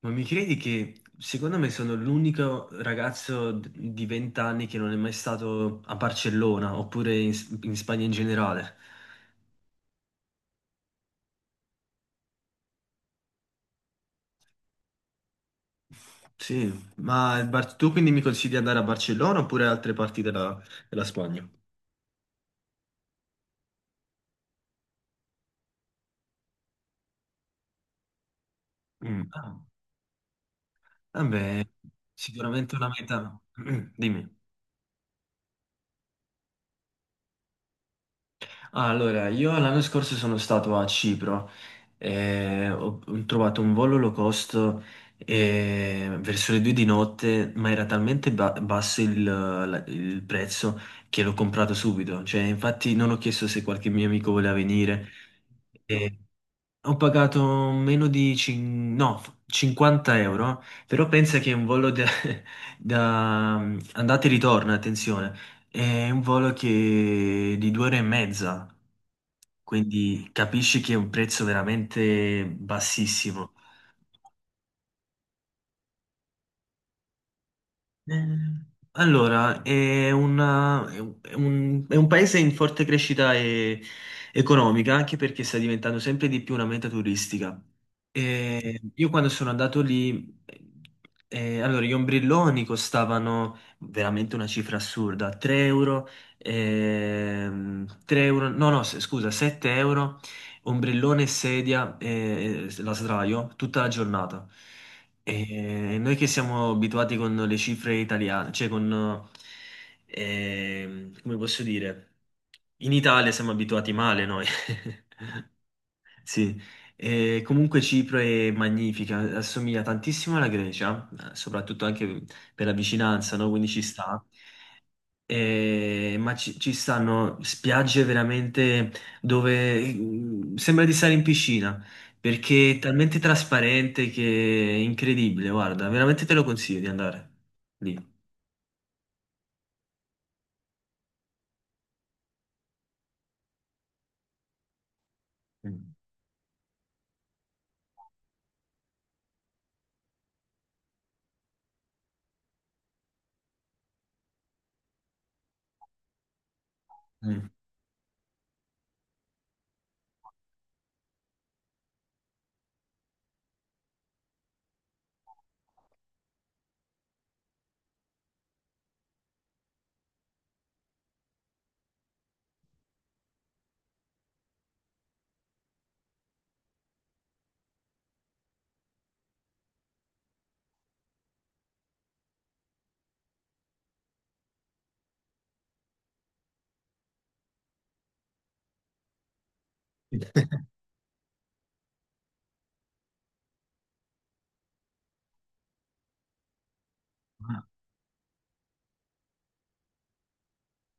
Ma mi credi che secondo me sono l'unico ragazzo di 20 anni che non è mai stato a Barcellona oppure in Spagna in generale? Sì, ma il tu quindi mi consigli di andare a Barcellona oppure altre parti della Spagna? Mm. Ah, vabbè, sicuramente una meta. Dimmi. Ah, allora, io l'anno scorso sono stato a Cipro e ho trovato un volo low cost verso le due di notte, ma era talmente basso il prezzo che l'ho comprato subito. Cioè, infatti non ho chiesto se qualche mio amico voleva venire. E ho pagato meno di cin- no, 50 euro, però pensa che è un volo da andata e ritorno, attenzione, è un volo che di due ore e mezza, quindi capisci che è un prezzo veramente bassissimo. Eh, Allora, è una- è un, è un- è un paese in forte crescita economica, anche perché sta diventando sempre di più una meta turistica. Io quando sono andato lì, allora, gli ombrelloni costavano veramente una cifra assurda, 3 euro, 3 euro, no, no, scusa, 7 euro, ombrellone, sedia, la sdraio, tutta la giornata. E noi che siamo abituati con le cifre italiane, come posso dire, in Italia siamo abituati male noi. Sì, e comunque Cipro è magnifica, assomiglia tantissimo alla Grecia, soprattutto anche per la vicinanza, no? Quindi ci sta. Ma ci stanno spiagge veramente dove mm, sembra di stare in piscina perché è talmente trasparente che è incredibile. Guarda, veramente te lo consiglio di andare lì. Mm. Mm. Ma,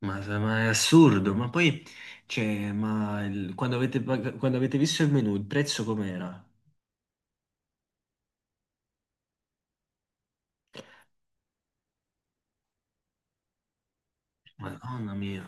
ma è assurdo, ma poi cioè, ma quando quando avete visto il menù, il prezzo com'era? Madonna mia.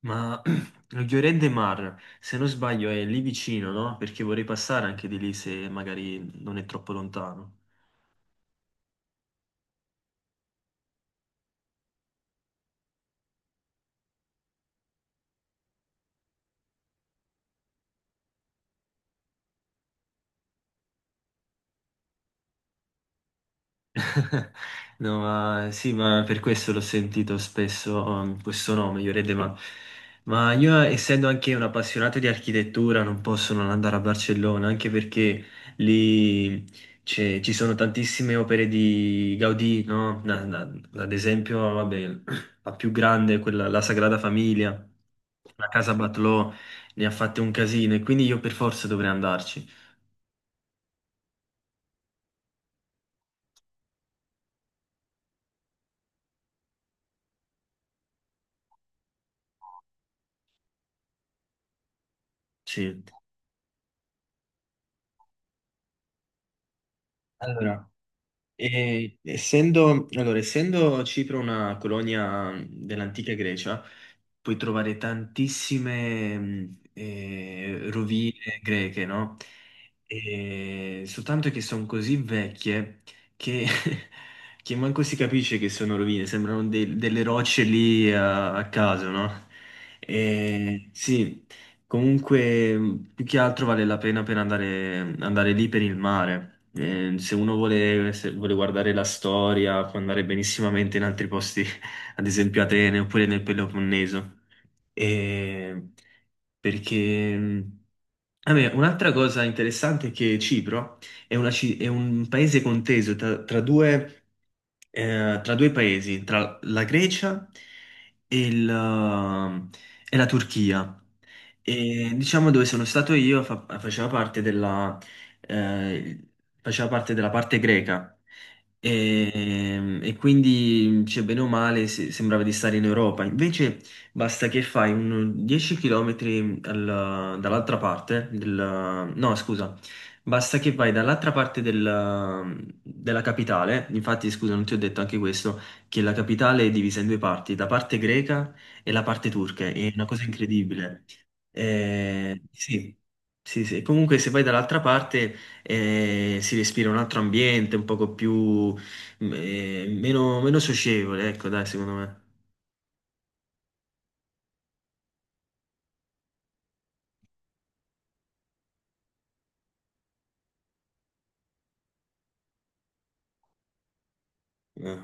Ma lo Lloret de Mar, se non sbaglio, è lì vicino, no? Perché vorrei passare anche di lì se magari non è troppo lontano. No, ma sì, ma per questo l'ho sentito spesso, questo nome, Llorente, ma io essendo anche un appassionato di architettura non posso non andare a Barcellona, anche perché lì ci sono tantissime opere di Gaudì, no? Ad esempio, vabbè, la più grande, quella, la Sagrada Famiglia, la Casa Batlló, ne ha fatte un casino e quindi io per forza dovrei andarci. Sì. Allora, essendo, allora, essendo Cipro una colonia mhmm, dell'antica Grecia, puoi trovare tantissime rovine greche, no? E soltanto che sono così vecchie che, che manco si capisce che sono rovine, sembrano delle rocce lì a caso, no? E, sì, comunque, più che altro vale la pena per andare, andare lì per il mare. Se uno vuole, se vuole guardare la storia, può andare benissimamente in altri posti, ad esempio Atene oppure nel Peloponneso. E perché, vabbè, un'altra cosa interessante è che Cipro è, è un paese conteso tra due paesi, tra la Grecia e la Turchia. E diciamo dove sono stato io faceva parte eh, faceva parte della parte greca e quindi cioè, bene o male sembrava di stare in Europa. Invece basta che fai un 10 km dall'altra parte del, no, scusa, basta che vai dall'altra parte della capitale. Infatti, scusa, non ti ho detto anche questo, che la capitale è divisa in due parti, la parte greca e la parte turca. È una cosa incredibile. Sì, sì, sì. Comunque se vai dall'altra parte si respira un altro ambiente, un poco più, meno, meno socievole, ecco, dai, secondo me. Eh,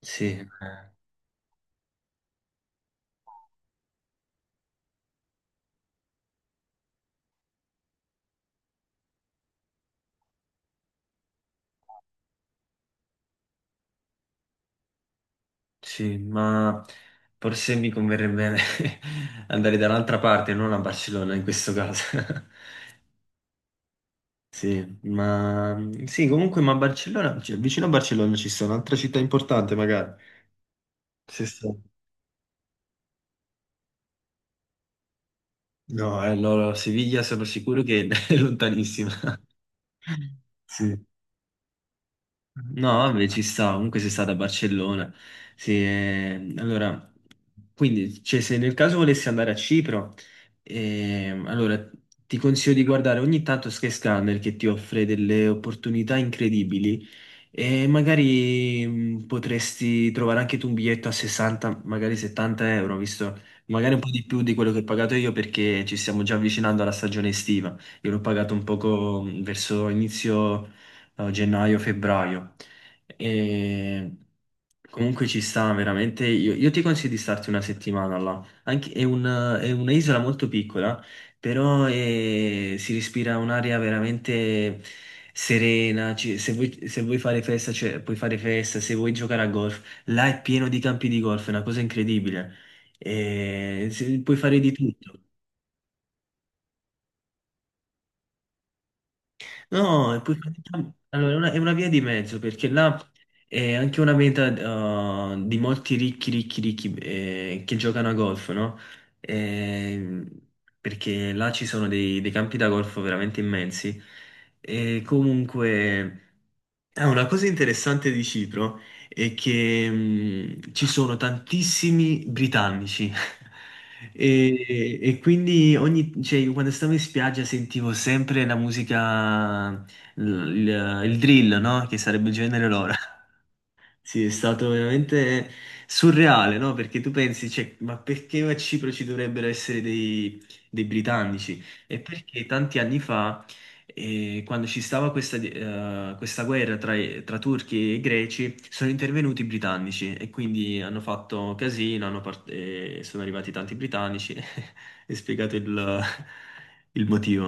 Sì, sì, ma forse mi converrebbe andare dall'altra parte, non a Barcellona in questo caso. Sì, ma sì, comunque, ma a Barcellona, cioè, vicino a Barcellona ci sono un'altra città importante, magari. Sì, sì. No, no, no, Siviglia sono sicuro che è lontanissima. Sì. No, vabbè, ci sta, comunque sei stata a Barcellona. Sì, allora, quindi, cioè, se nel caso volessi andare a Cipro, allora ti consiglio di guardare ogni tanto Sky Scanner che ti offre delle opportunità incredibili e magari potresti trovare anche tu un biglietto a 60, magari 70 euro, visto magari un po' di più di quello che ho pagato io perché ci stiamo già avvicinando alla stagione estiva. Io l'ho pagato un poco verso inizio no, gennaio-febbraio. E comunque ci sta veramente. Io ti consiglio di starti una settimana là. È è un'isola molto piccola, però si respira un'aria veramente serena. Se vuoi, se vuoi fare festa, cioè, puoi fare festa, se vuoi giocare a golf, là è pieno di campi di golf, è una cosa incredibile. E, se- puoi fare di tutto. No, allora, è una via di mezzo perché là è anche una meta di molti ricchi che giocano a golf, no? Ehm, perché là ci sono dei campi da golf veramente immensi e comunque. Ah, una cosa interessante di Cipro è che ci sono tantissimi britannici e quindi ogni, cioè, io quando stavo in spiaggia sentivo sempre la musica, il drill, no? Che sarebbe il genere loro. Sì, è stato veramente surreale, no? Perché tu pensi, cioè, ma perché a Cipro ci dovrebbero essere dei britannici? E perché tanti anni fa, quando ci stava questa guerra tra turchi e greci, sono intervenuti i britannici e quindi hanno fatto casino, sono arrivati tanti britannici e spiegato il motivo.